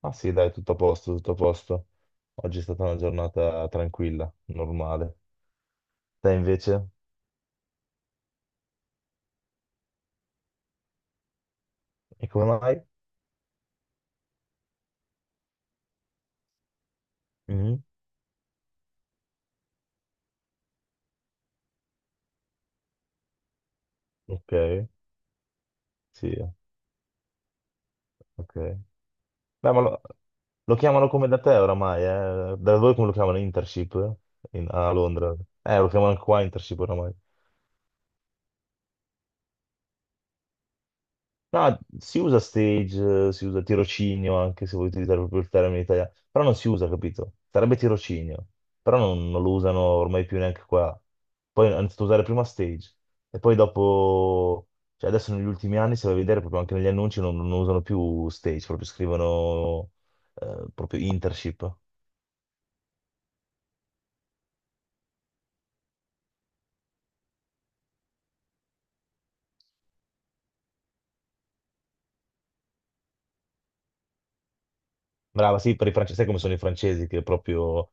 Ah sì, dai, tutto a posto, tutto a posto. Oggi è stata una giornata tranquilla, normale. Te invece? E come mai? Mhm. Ok, sì, ok. Beh, ma lo, lo chiamano come da te oramai, eh? Da voi come lo chiamano? Internship? A Londra? Lo chiamano qua internship oramai. No, si usa stage, si usa tirocinio anche se vuoi utilizzare proprio il termine italiano, però non si usa, capito? Sarebbe tirocinio, però non lo usano ormai più neanche qua. Poi hanno iniziato a usare prima stage e poi dopo, cioè adesso negli ultimi anni, se vai a vedere proprio anche negli annunci, non usano più stage, proprio scrivono proprio internship. Brava, sì, per i francesi, sai come sono i francesi che proprio,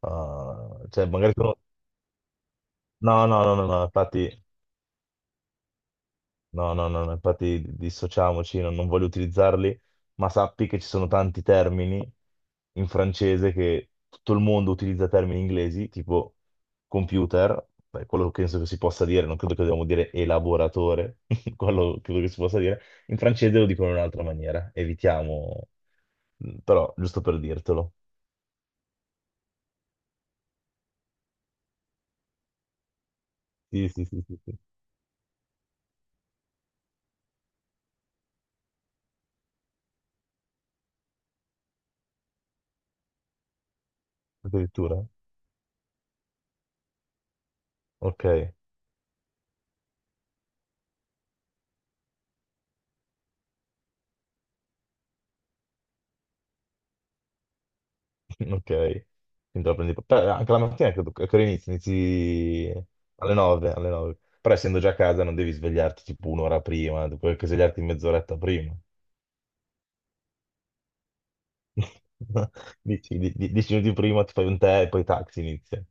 cioè magari sono... No, no, no, no, no, infatti... No, no, no, no, infatti dissociamoci, non voglio utilizzarli, ma sappi che ci sono tanti termini in francese che tutto il mondo utilizza termini inglesi, tipo computer, beh, quello penso che si possa dire, non credo che dobbiamo dire elaboratore, quello credo che si possa dire, in francese lo dicono in un'altra maniera, evitiamo, però giusto per dirtelo. Sì, sì, sì, sì, sì. Addirittura. Ok. Ok, quindi la prendi... però anche la mattina credo che inizi alle 9, alle 9. Però essendo già a casa non devi svegliarti tipo un'ora prima, puoi anche svegliarti mezz'oretta prima. Dici, dieci minuti prima ti fai un tè e poi taxi inizia.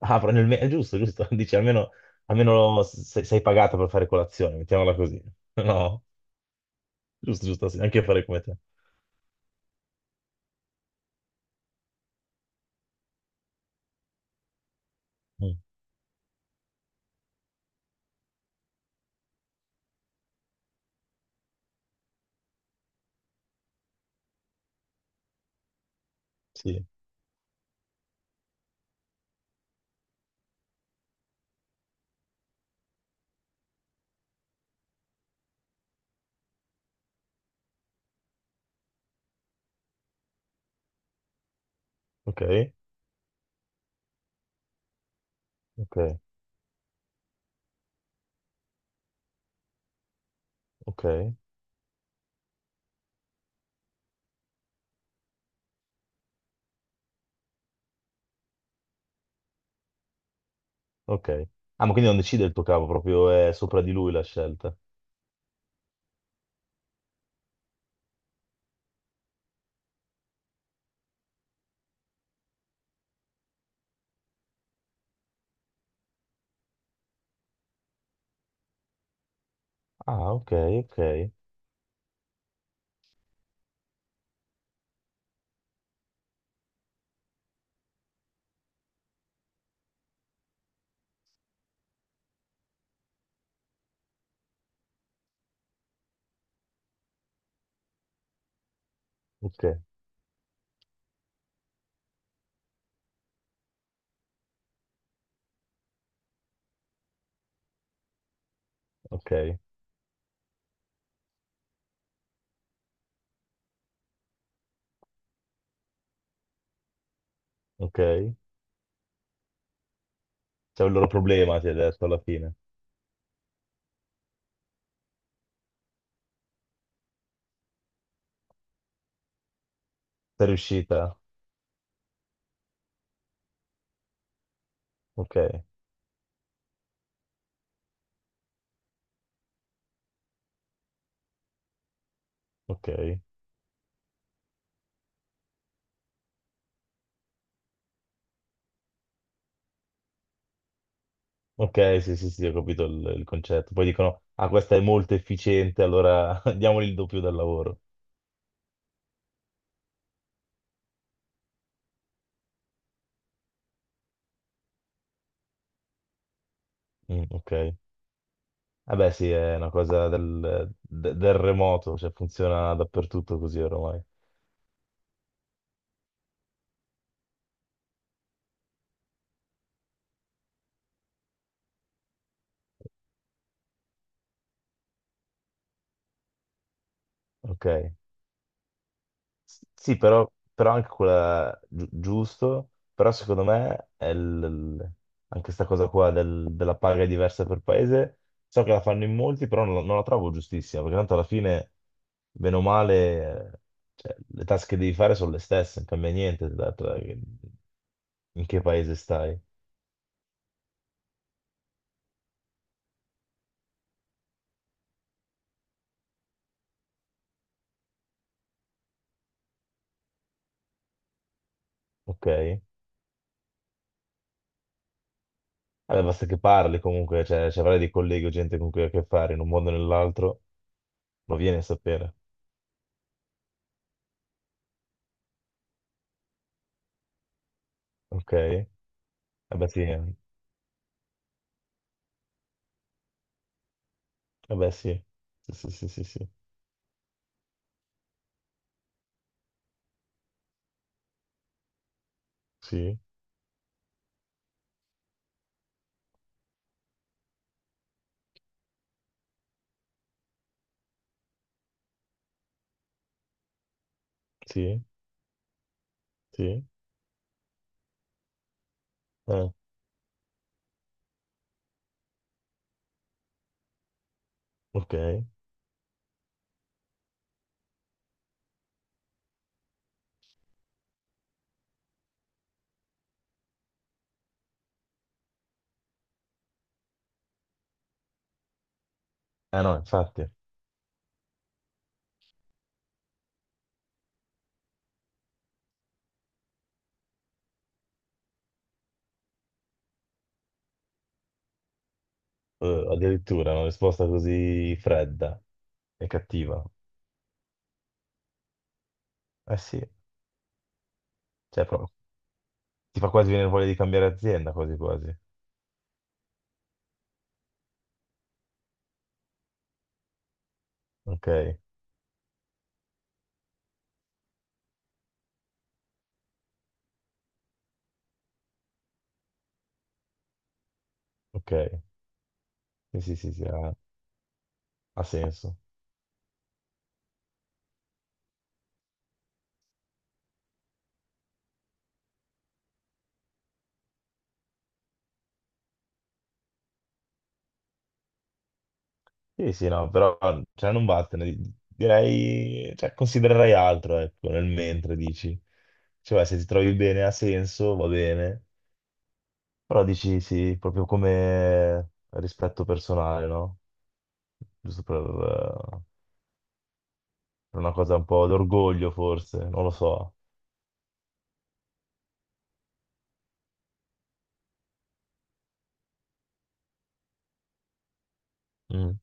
Ah, però è giusto, giusto, dici almeno, almeno sei pagata per fare colazione, mettiamola così. No, giusto, giusto, sì, anche fare come te. Mm. Sì, ok, ok, ok, ok. Ah, ma quindi non decide il tuo capo, proprio è sopra di lui la scelta. Ah, ok, ok, ok, ok, ok. C'è un loro problema, ti hai detto alla fine. Sei riuscita? Ok, ok, ok, sì, sì, sì, ho capito il concetto. Poi dicono, ah, questa è molto efficiente, allora diamogli il doppio del lavoro. Mm, ok. Vabbè, sì, è una cosa del remoto, cioè funziona dappertutto così ormai. Ok. Sì, però, però anche quella giusto, però secondo me anche questa cosa qua della paga diversa per paese, so che la fanno in molti, però non la trovo giustissima, perché tanto alla fine, bene o male, cioè, le task che devi fare sono le stesse, non cambia niente dato che- in che paese stai, ok? Vabbè, basta che parli comunque, cioè, ci avrai dei colleghi o gente con cui hai a che fare in un modo o nell'altro, lo vieni a sapere, ok? Vabbè, sì, eh. Vabbè, sì. Sì, sì, sì, sì, sì. Sì, sì, sì. Eh, ok. Eh no, infatti. Addirittura una risposta così fredda e cattiva. Eh sì, cioè proprio, ti fa quasi venire voglia di cambiare azienda, quasi quasi. Ok, ok. Sì, sì, sì, sì, ha, ha senso. Sì, sì, no, però cioè, non vattene. Direi, cioè, considererai altro, ecco, nel mentre dici. Cioè, se ti trovi bene ha senso, va bene. Però dici sì, proprio come rispetto personale, no? Giusto per una cosa un po' d'orgoglio, forse, non lo so. Mm,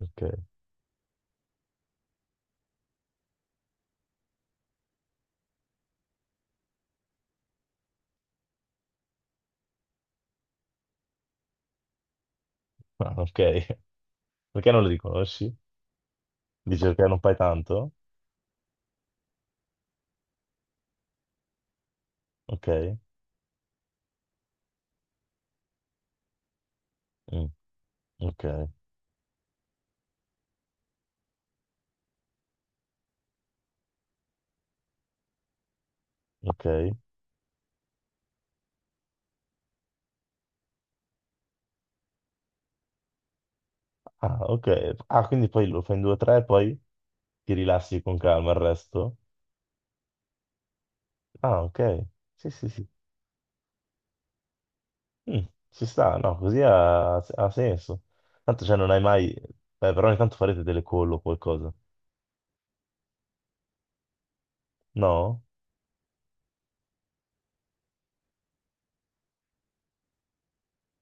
ok. Ah, ok. Perché non lo riconosci? Dici perché non fai tanto? Ok. Mm, ok, ok. Ah, ok. Ah, quindi poi lo fai in due o tre, poi ti rilassi con calma il resto? Ah, ok. Sì, sì, sì. Mm, ci sta, no, così ha, ha senso. Tanto, cioè, non hai mai... Beh, però ogni tanto farete delle call o qualcosa. No?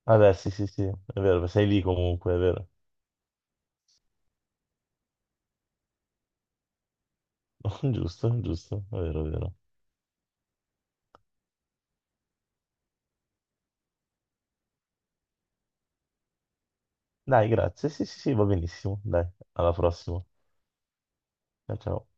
Ah, beh, sì, sì, sì, è vero, sei lì comunque, è vero. Giusto, giusto, è vero, è vero. Dai, grazie. Sì, sì, sì, va benissimo. Dai, alla prossima. Ciao, ciao.